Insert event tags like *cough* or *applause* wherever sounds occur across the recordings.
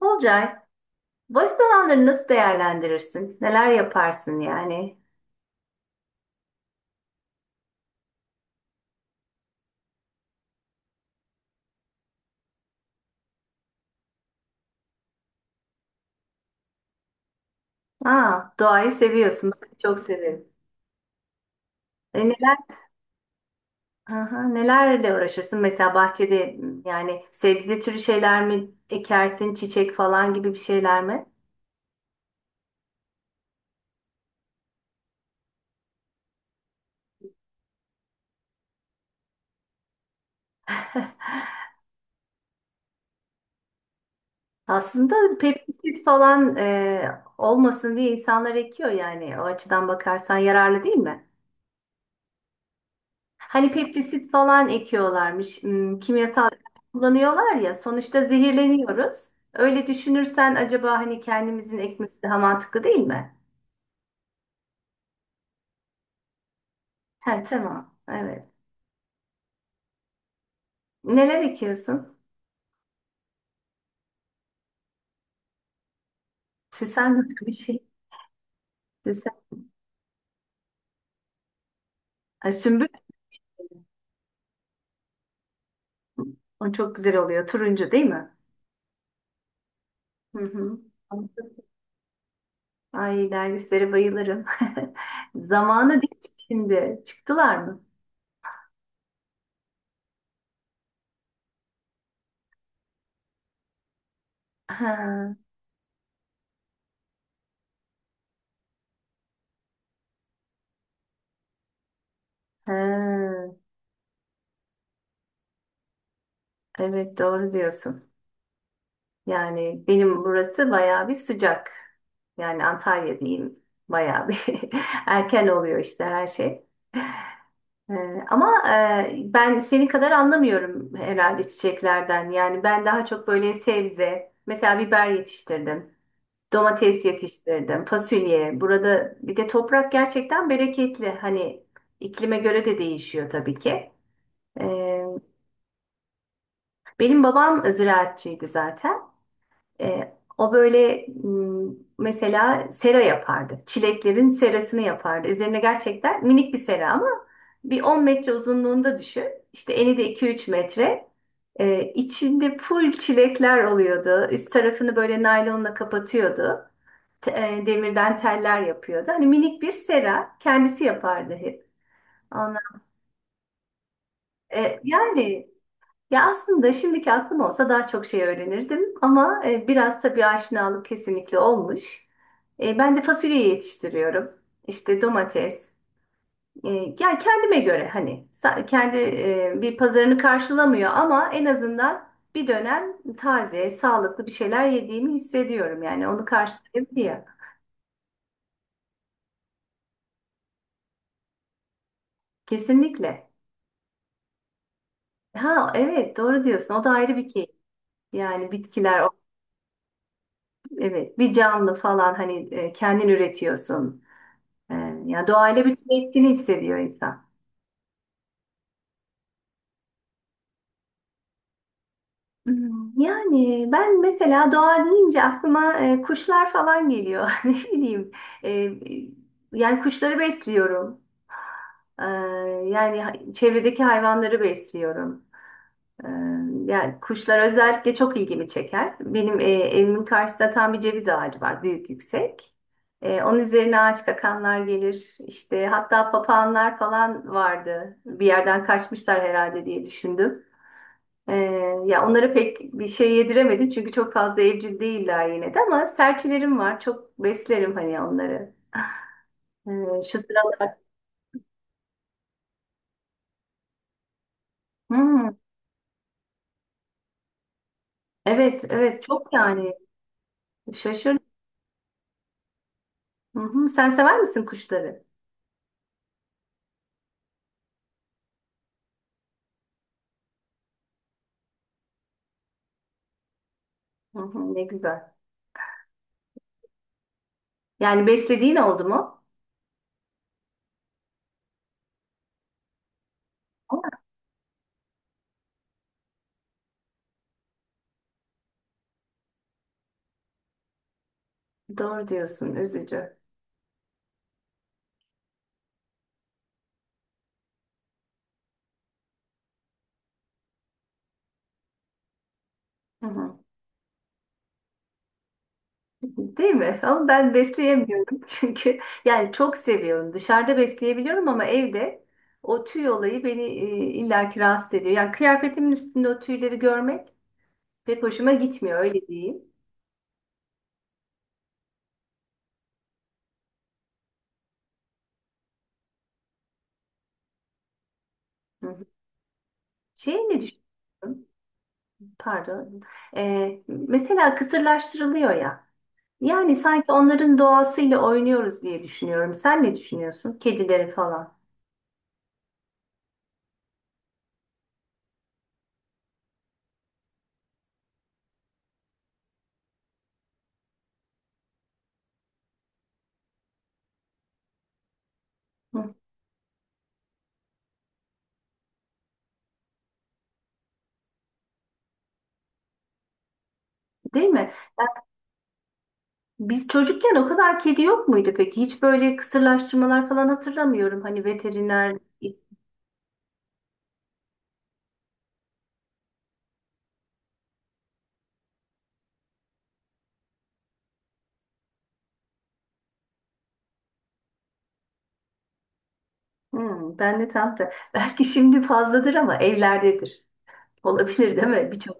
Olcay, boş zamanları nasıl değerlendirirsin? Neler yaparsın yani? Aa, doğayı seviyorsun. Ben çok severim. E neler, aha, nelerle uğraşırsın? Mesela bahçede yani sebze türü şeyler mi ekersin? Çiçek falan gibi bir şeyler mi? *laughs* Aslında pestisit falan olmasın diye insanlar ekiyor yani. O açıdan bakarsan yararlı değil mi? Hani peptisit falan ekiyorlarmış. Kimyasal kullanıyorlar ya. Sonuçta zehirleniyoruz. Öyle düşünürsen acaba hani kendimizin ekmesi daha mantıklı değil mi? He, tamam. Evet. Neler ekiyorsun? Süsen nasıl bir şey? Süsen. Ay, sümbül. O çok güzel oluyor. Turuncu değil mi? Hı hı. Ay dervislere bayılırım. *laughs* Zamanı değil şimdi. Çıktılar mı? Ha, ha. Evet doğru diyorsun. Yani benim burası bayağı bir sıcak. Yani Antalya diyeyim bayağı bir *laughs* erken oluyor işte her şey. Ee, ama ben seni kadar anlamıyorum herhalde çiçeklerden. Yani ben daha çok böyle sebze, mesela biber yetiştirdim, domates yetiştirdim, fasulye. Burada bir de toprak gerçekten bereketli. Hani iklime göre de değişiyor tabii ki. Ee, Benim babam ziraatçıydı zaten. E, o böyle mesela sera yapardı. Çileklerin serasını yapardı. Üzerine gerçekten minik bir sera ama bir 10 metre uzunluğunda düşün. İşte eni de 2-3 metre. İçinde full çilekler oluyordu. Üst tarafını böyle naylonla kapatıyordu. Te- Demirden teller yapıyordu. Hani minik bir sera kendisi yapardı hep. Ondan, e, yani Ya aslında şimdiki aklım olsa daha çok şey öğrenirdim ama biraz tabii aşinalık kesinlikle olmuş. Ben de fasulyeyi yetiştiriyorum. İşte domates. E, Yani kendime göre hani kendi bir pazarını karşılamıyor ama en azından bir dönem taze, sağlıklı bir şeyler yediğimi hissediyorum. Yani onu karşılayabiliyor. Kesinlikle. Ha evet doğru diyorsun. O da ayrı bir keyif. Yani bitkiler evet bir canlı falan hani kendin üretiyorsun. Ee, Ya doğayla bütünleştiğini hissediyor insan. Hmm. Yani ben mesela doğa deyince aklıma kuşlar falan geliyor. *laughs* Ne bileyim. e, Yani kuşları besliyorum. Ee, Yani çevredeki hayvanları besliyorum. Ee, Yani kuşlar özellikle çok ilgimi çeker. Benim evimin karşısında tam bir ceviz ağacı var, büyük yüksek. Onun üzerine ağaç kakanlar gelir. İşte hatta papağanlar falan vardı. Bir yerden kaçmışlar herhalde diye düşündüm. Ee, Ya onlara pek bir şey yediremedim çünkü çok fazla evcil değiller yine de ama serçelerim var. Çok beslerim hani onları. Şu sıralar. Hmm, evet evet çok yani şaşırdım. Hı hı. Sen sever misin kuşları? Hı hı, ne güzel. Yani beslediğin oldu mu? Doğru diyorsun, üzücü. Hı hı. Değil mi? Ama ben besleyemiyorum *laughs* çünkü yani çok seviyorum. Dışarıda besleyebiliyorum ama evde o tüy olayı beni illaki rahatsız ediyor. Yani kıyafetimin üstünde o tüyleri görmek pek hoşuma gitmiyor öyle diyeyim. Hı hı. Şey, ne düşünüyorsun? Pardon. Mesela kısırlaştırılıyor ya. Yani sanki onların doğasıyla oynuyoruz diye düşünüyorum. Sen ne düşünüyorsun? Kedileri falan. Hı. Değil mi? Biz çocukken o kadar kedi yok muydu peki? Hiç böyle kısırlaştırmalar falan hatırlamıyorum. Hani veteriner... Hmm, ben de tam da... *laughs* Belki şimdi fazladır ama evlerdedir. Olabilir değil mi? Birçok...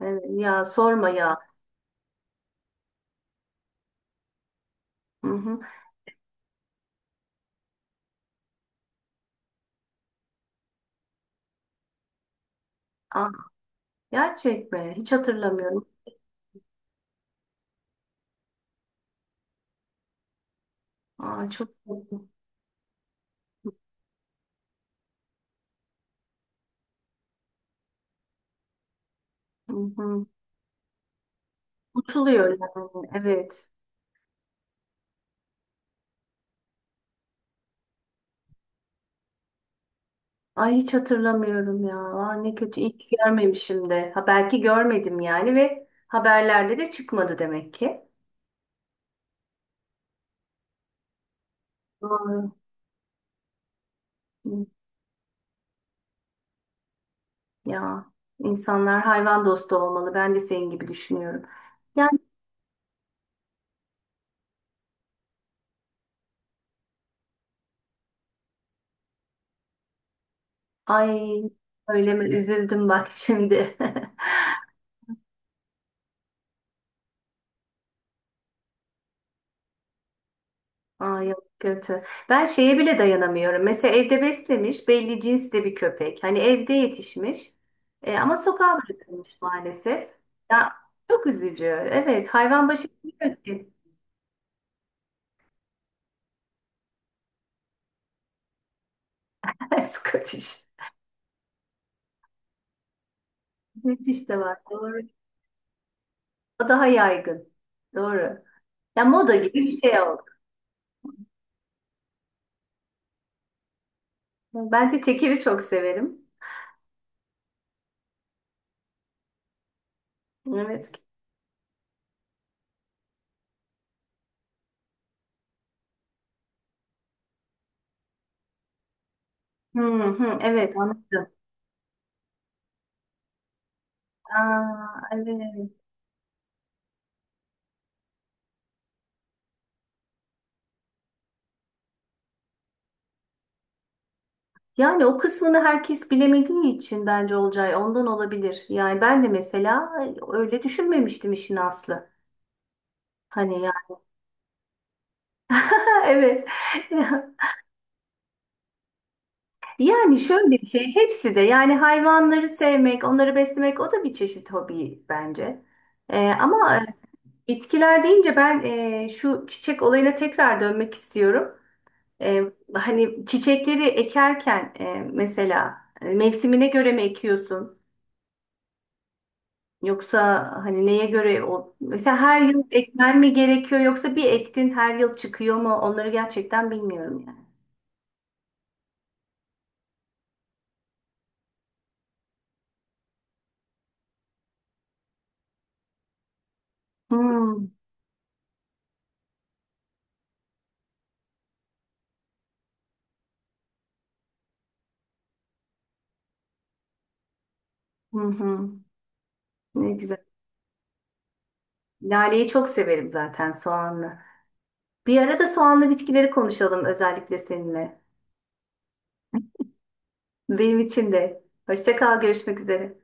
Evet, ya sorma ya. Hı hı. Aa, gerçek mi? Hiç hatırlamıyorum. Aa, çok kötü. Hı hı. Unutuluyor yani. Evet. Ay hiç hatırlamıyorum ya. Aa, ne kötü. İyi ki görmemişim de. Ha, belki görmedim yani ve haberlerde de çıkmadı demek ki. Doğru. Ya insanlar hayvan dostu olmalı. Ben de senin gibi düşünüyorum. Yani ay öyle mi, üzüldüm bak şimdi. *laughs* Ay yok, kötü. Ben şeye bile dayanamıyorum. Mesela evde beslemiş belli cinsli bir köpek. Hani evde yetişmiş. E, ama sokağa bırakılmış maalesef. Ya çok üzücü. Evet hayvan başı bilmiyor ki. *laughs* Scottish. British de var. Doğru. O daha yaygın. Doğru. Ya moda gibi bir şey oldu. Ben de tekiri çok severim. Evet. Hı hı, evet anladım. Aa, evet. Yani o kısmını herkes bilemediği için bence Olcay, ondan olabilir. Yani ben de mesela öyle düşünmemiştim işin aslı. Hani ya. *laughs* Evet. Yani şöyle bir şey, hepsi de yani hayvanları sevmek, onları beslemek o da bir çeşit hobi bence. Ama bitkiler deyince ben şu çiçek olayına tekrar dönmek istiyorum. E, Hani çiçekleri ekerken mesela mevsimine göre mi ekiyorsun? Yoksa hani neye göre o? Mesela her yıl ekmen mi gerekiyor yoksa bir ektin her yıl çıkıyor mu? Onları gerçekten bilmiyorum yani. Hmm. Hı hı. Ne güzel. Laleyi çok severim zaten, soğanlı. Bir ara da soğanlı bitkileri konuşalım özellikle seninle. Benim için de. Hoşça kal, görüşmek üzere.